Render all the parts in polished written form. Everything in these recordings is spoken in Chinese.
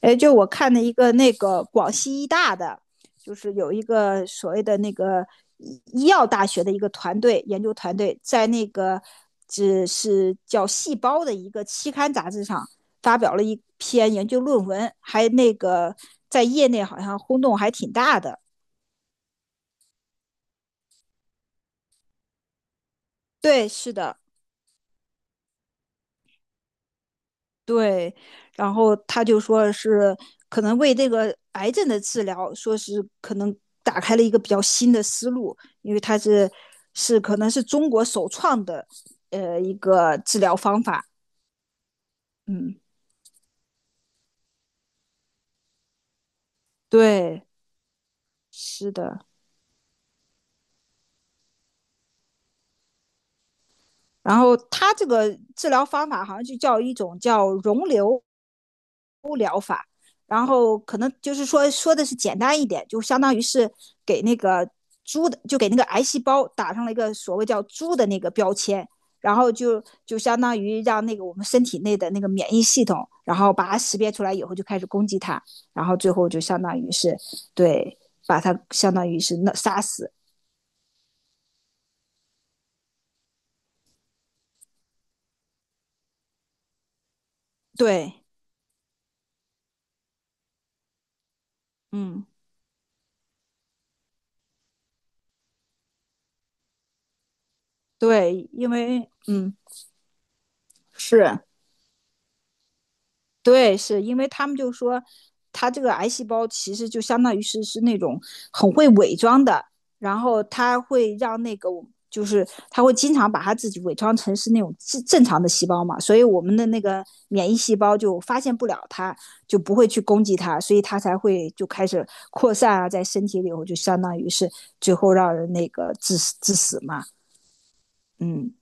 哎，就我看了一个那个广西医大的，就是有一个所谓的那个医药大学的一个团队研究团队，在那个只是叫《细胞》的一个期刊杂志上发表了一篇研究论文，还那个在业内好像轰动还挺大的。对，是的，对，然后他就说是可能为这个癌症的治疗，说是可能打开了一个比较新的思路，因为它是可能是中国首创的一个治疗方法。嗯，对，是的。然后他这个治疗方法好像就叫一种叫溶瘤。然后可能就是说是简单一点，就相当于是给那个猪的，就给那个癌细胞打上了一个所谓叫猪的那个标签，然后就相当于让那个我们身体内的那个免疫系统，然后把它识别出来以后就开始攻击它，然后最后就相当于是，对，把它相当于是那杀死。对，嗯，对，因为嗯是。对，是因为他们就说，他这个癌细胞其实就相当于是那种很会伪装的，然后他会让那个我就是他会经常把他自己伪装成是那种正常的细胞嘛，所以我们的那个免疫细胞就发现不了它，就不会去攻击它，所以它才会就开始扩散啊，在身体里头就相当于是最后让人那个致死嘛。嗯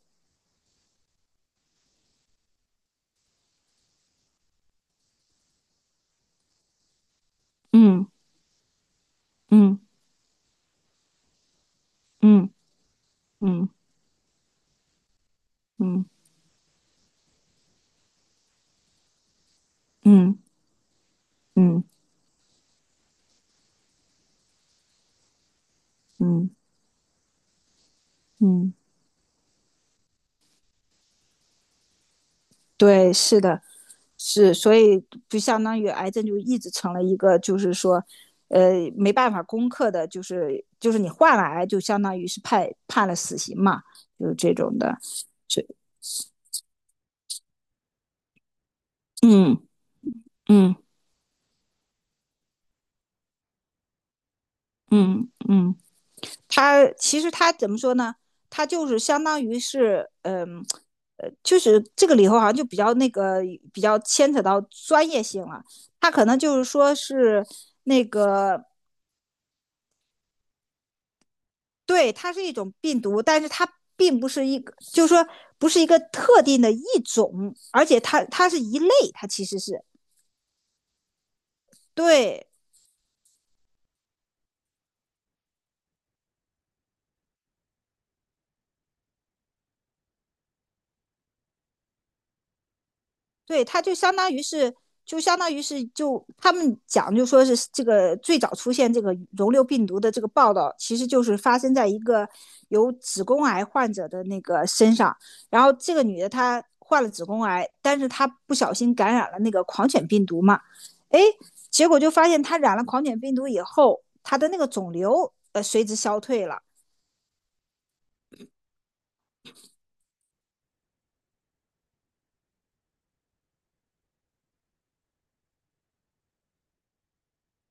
嗯嗯嗯嗯嗯嗯嗯嗯嗯嗯。对，是的，是，所以就相当于癌症就一直成了一个，就是说，没办法攻克的，就是你患了癌，就相当于是判了死刑嘛，就是这种的。是。嗯嗯嗯嗯。他其实他怎么说呢？他就是相当于是，嗯、就是这个里头好像就比较那个比较牵扯到专业性了。他可能就是说是那个，对，它是一种病毒，但是它并不是一个，就是说不是一个特定的一种，而且它是一类，它其实是，对，对，它就相当于是，就相当于是，就他们讲，就说是这个最早出现这个溶瘤病毒的这个报道，其实就是发生在一个有子宫癌患者的那个身上。然后这个女的她患了子宫癌，但是她不小心感染了那个狂犬病毒嘛，哎，结果就发现她染了狂犬病毒以后，她的那个肿瘤随之消退了。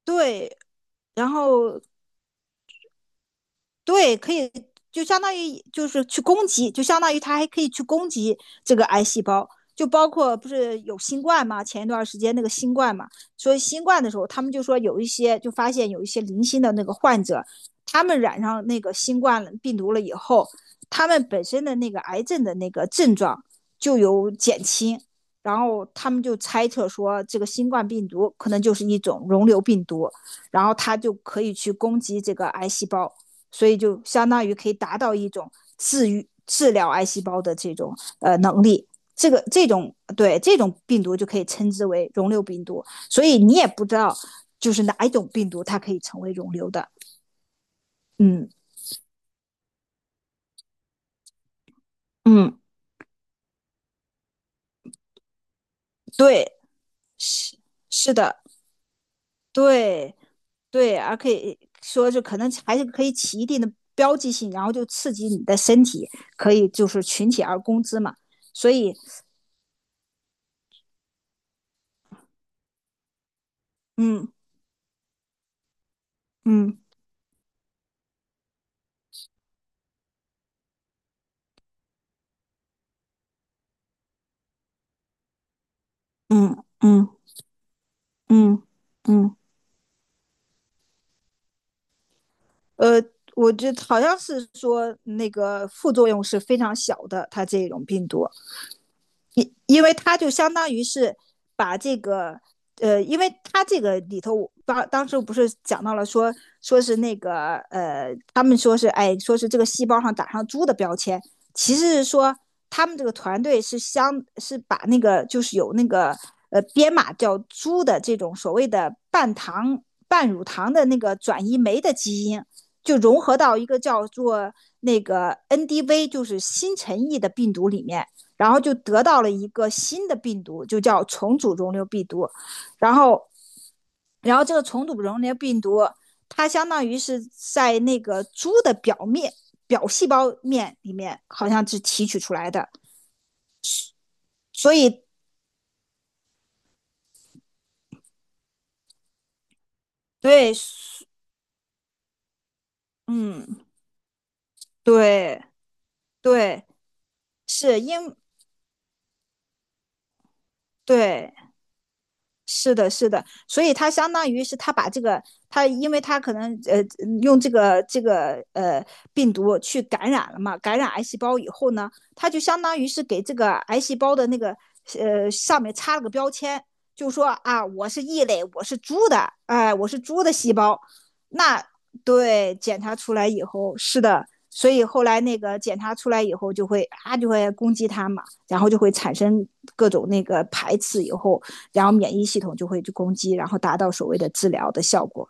对，然后对，可以，就相当于就是去攻击，就相当于它还可以去攻击这个癌细胞，就包括不是有新冠嘛，前一段时间那个新冠嘛，所以新冠的时候，他们就说有一些，就发现有一些零星的那个患者，他们染上那个新冠病毒了以后，他们本身的那个癌症的那个症状就有减轻，然后他们就猜测说这个新冠病毒可能就是一种溶瘤病毒，然后它就可以去攻击这个癌细胞。所以就相当于可以达到一种治愈、治疗癌细胞的这种能力。这种对这种病毒就可以称之为溶瘤病毒，所以你也不知道就是哪一种病毒它可以成为溶瘤的。嗯嗯，对，是，是的，对对，而可以说就可能还是可以起一定的标记性，然后就刺激你的身体，可以就是群起而攻之嘛。所以，嗯嗯嗯嗯嗯嗯嗯。嗯嗯嗯。呃，我觉得好像是说那个副作用是非常小的，它这种病毒，因为他就相当于是把这个，因为他这个里头，当时不是讲到了说，说是那个，他们说是哎，说是这个细胞上打上猪的标签，其实是说他们这个团队是把那个就是有那个编码叫猪的这种所谓的半糖半乳糖的那个转移酶的基因。就融合到一个叫做那个 NDV，就是新陈异的病毒里面，然后就得到了一个新的病毒，就叫重组溶瘤病毒。然后，然后这个重组溶瘤病毒，它相当于是在那个猪的表细胞面里面，好像是提取出来的。所以，对，嗯，对，对，是因对。是的，是的，所以他相当于是他把这个，他，因为他可能，用这个病毒去感染了嘛，感染癌细胞以后呢，他就相当于是给这个癌细胞的那个上面插了个标签，就说啊我是异类，我是猪的，哎、我是猪的细胞。那，对，检查出来以后，是的，所以后来那个检查出来以后就会啊就会攻击它嘛，然后就会产生各种那个排斥以后。然后免疫系统就会去攻击，然后达到所谓的治疗的效果。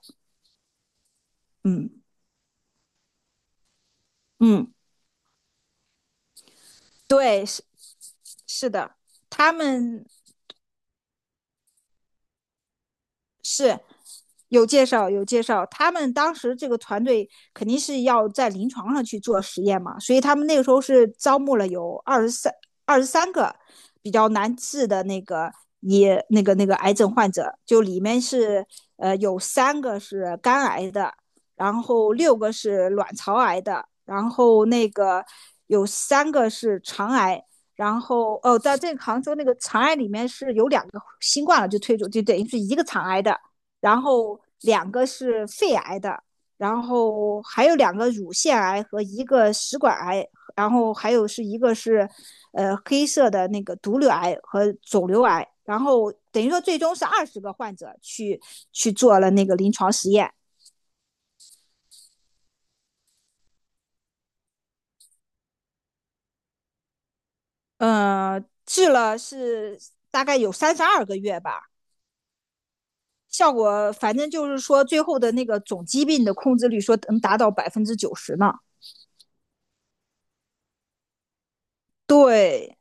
嗯嗯，对，是，是的，他们是有介绍，他们当时这个团队肯定是要在临床上去做实验嘛，所以他们那个时候是招募了有二十三个比较难治的那个也那个那个癌症患者，就里面是有三个是肝癌的，然后六个是卵巢癌的，然后那个有三个是肠癌，然后哦，在这个杭州那个肠癌里面是有两个新冠了就推出，就等于是一个肠癌的，然后两个是肺癌的，然后还有两个乳腺癌和一个食管癌，然后还有是一个是黑色的那个毒瘤癌和肿瘤癌，然后等于说最终是20个患者去去做了那个临床实验，呃，治了是大概有32个月吧。效果反正就是说最后的那个总疾病的控制率说能达到90%呢。对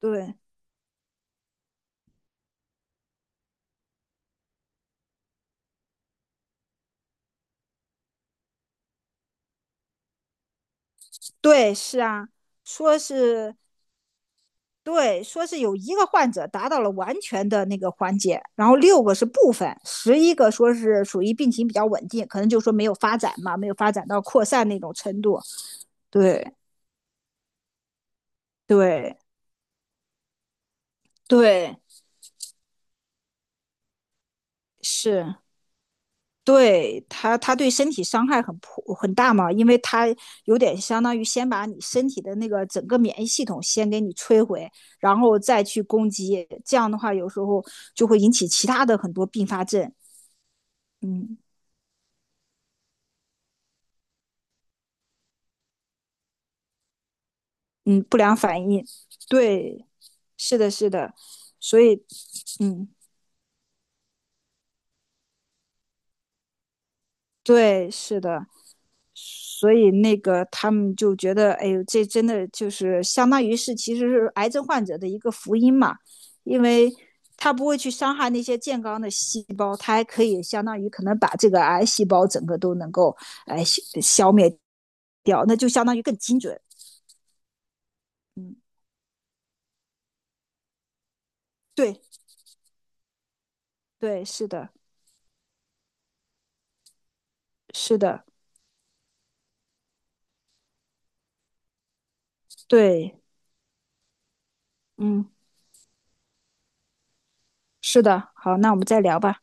对对，是啊，说是，对，说是有一个患者达到了完全的那个缓解，然后六个是部分，11个说是属于病情比较稳定，可能就说没有发展嘛，没有发展到扩散那种程度。对对对，是。对它，它对身体伤害很大嘛，因为它有点相当于先把你身体的那个整个免疫系统先给你摧毁，然后再去攻击，这样的话有时候就会引起其他的很多并发症，嗯嗯，不良反应。对，是的，是的，所以，嗯，对，是的。所以那个他们就觉得，哎呦，这真的就是相当于是其实是癌症患者的一个福音嘛，因为它不会去伤害那些健康的细胞，它还可以相当于可能把这个癌细胞整个都能够哎消灭掉，那就相当于更精准。对对，是的，是的，对，嗯，是的。好，那我们再聊吧。